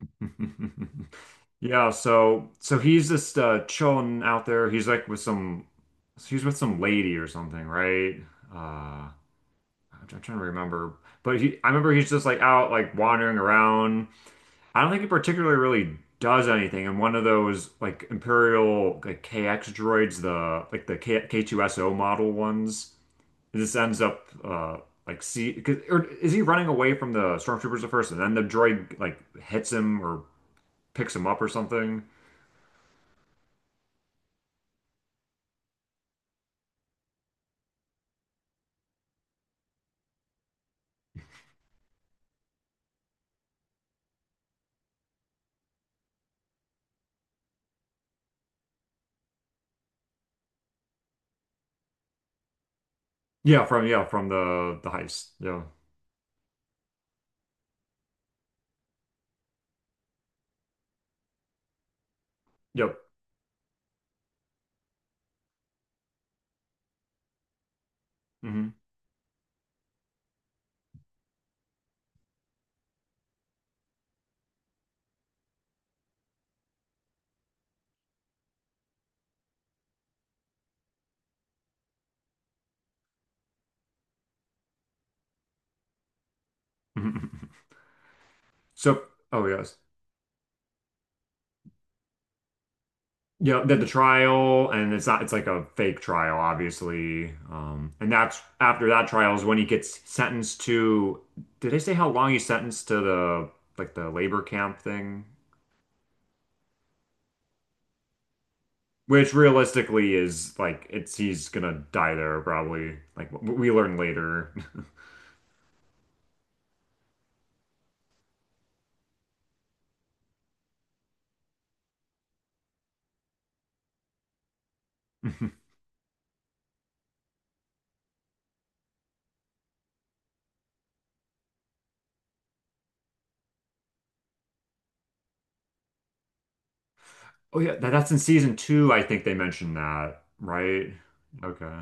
Yeah, so he's just chilling out there. He's like with some he's with some lady or something, right? I'm I'm trying to remember. But he I remember he's just like out like wandering around. I don't think he particularly really does anything. And one of those like Imperial like KX droids, the like the K K2SO model ones, it just ends up like or is he running away from the stormtroopers at first and then the droid like hits him or picks him up or something? Yeah, from the heist. Yeah. Yep. Hmm. So, oh yes. Yeah, the trial and it's not it's like a fake trial, obviously. And that's after that trial is when he gets sentenced to did they say how long he's sentenced to the like the labor camp thing? Which realistically is like it's he's gonna die there probably. Like we learn later. Oh yeah, that's in season two, I think they mentioned that, right? Okay.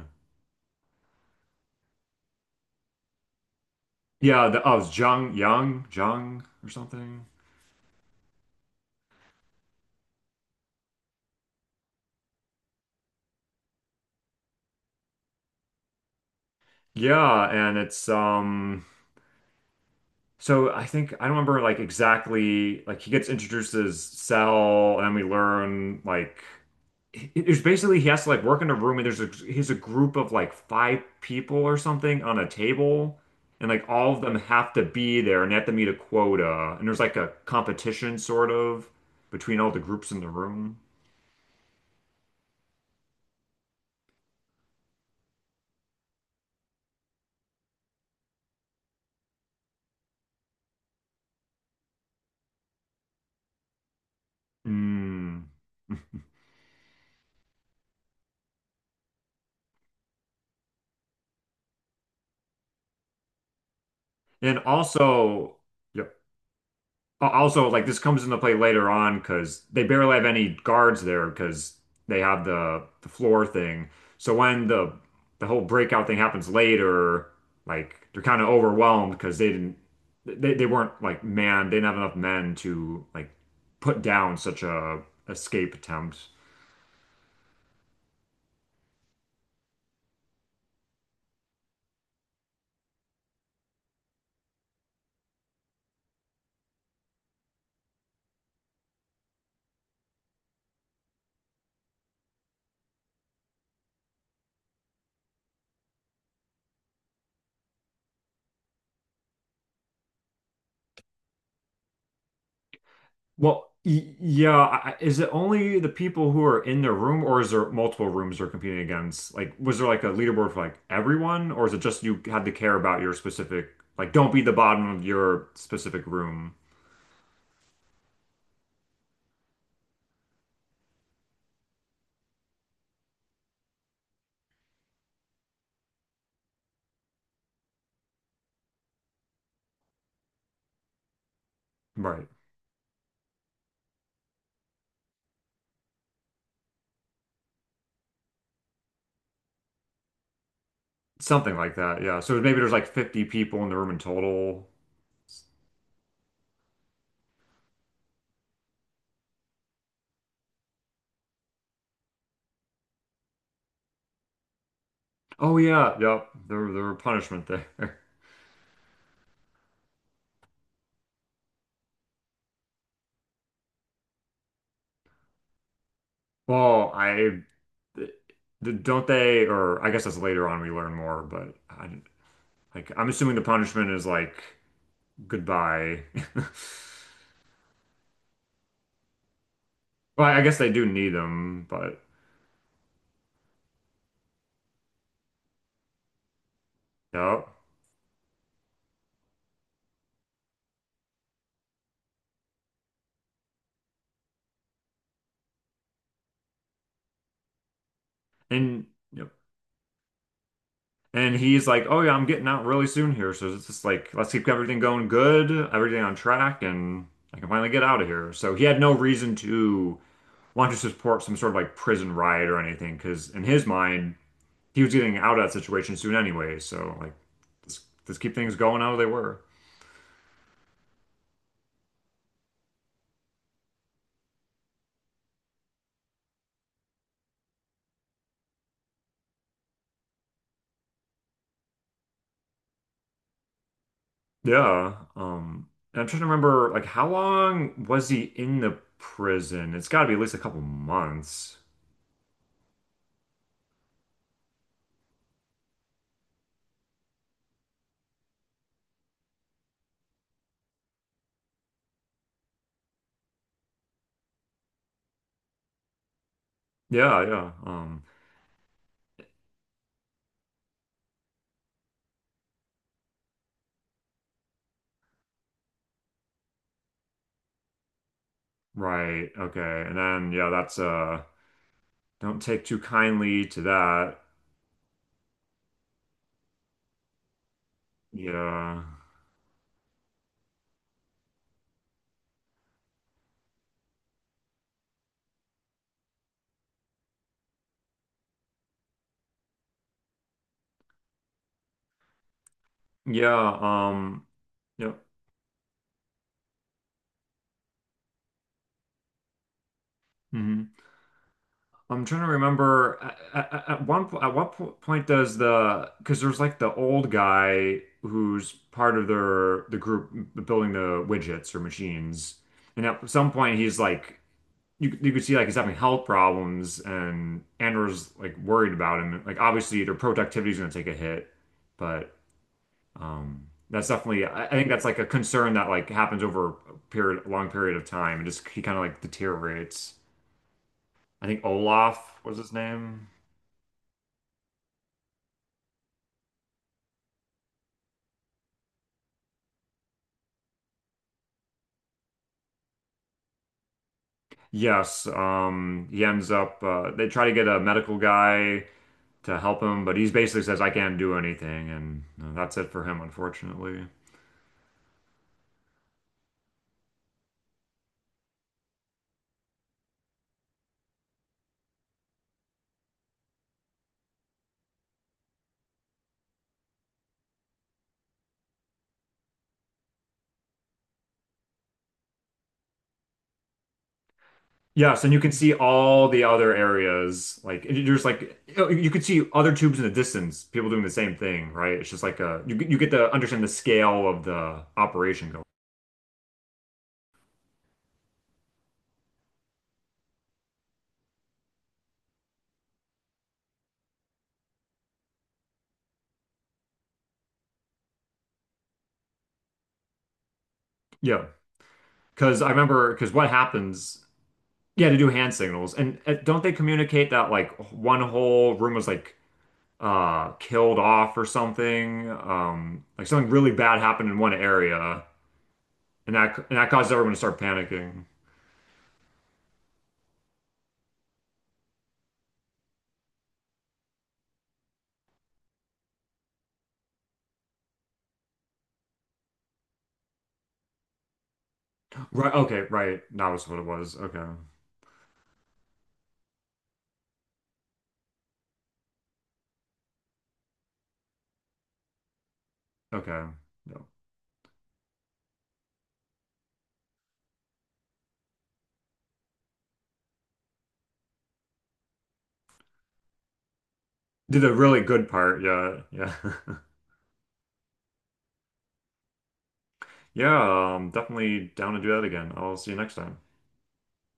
Yeah, oh, it's Zhang Yang, Zhang or something. Yeah, and it's so I think I don't remember like exactly like he gets introduced as Cell and we learn like it's basically he has to like work in a room and there's a he's a group of like five people or something on a table and like all of them have to be there and they have to meet a quota and there's like a competition sort of between all the groups in the room. Mm. And also, yeah. Also, like this comes into play later on because they barely have any guards there because they have the floor thing. So when the whole breakout thing happens later, like they're kind of overwhelmed because they weren't like man they didn't have enough men to like put down such a escape attempt. Well, yeah, is it only the people who are in the room, or is there multiple rooms they're competing against? Like, was there like a leaderboard for like everyone, or is it just you had to care about your specific, like, don't be the bottom of your specific room? Right. Something like that, yeah. So maybe there's like 50 people in the room in total. Oh yeah, yep. There were punishment there. Well, th- don't they, or I guess that's later on we learn more, but I, like I'm assuming the punishment is like. Goodbye. Well, I guess they do need him, but yep. And yep. And he's like, "Oh yeah, I'm getting out really soon here, so it's just like let's keep everything going good, everything on track, and I can finally get out of here." So he had no reason to want to support some sort of like prison riot or anything, because in his mind, he was getting out of that situation soon anyway. So like, let's, let's keep things going how they were. Yeah. And I'm trying to remember, like, how long was he in the prison? It's got to be at least a couple months. Yeah, yeah. Right. Okay. And then, yeah, that's don't take too kindly to that. Yeah. Yeah. Um, yeah. Mhm. I'm trying to remember at at what po point does the because there's like the old guy who's part of the group building the widgets or machines, and at some point he's like you could see like he's having health problems and Andor's like worried about him. Like obviously their productivity's gonna take a hit, but um that's definitely I think that's like a concern that like happens over a period long period of time and just he kind of like deteriorates. I think Olaf was his name. Yes, he ends up. They try to get a medical guy to help him, but he basically says, "I can't do anything," and that's it for him, unfortunately. Yes, and you can see all the other areas. Like there's like you could see other tubes in the distance, people doing the same thing, right? It's just like a you you get to understand the scale of the operation going. Yeah, because I remember because what happens? Yeah, to do hand signals, and don't they communicate that like one whole room was like killed off or something. Like something really bad happened in one area and that caused everyone to start panicking. Right, okay, right. That was what it was. Okay. Okay. No. Did the really good part. Yeah. Yeah. Yeah, definitely down to do that again. I'll see you next time.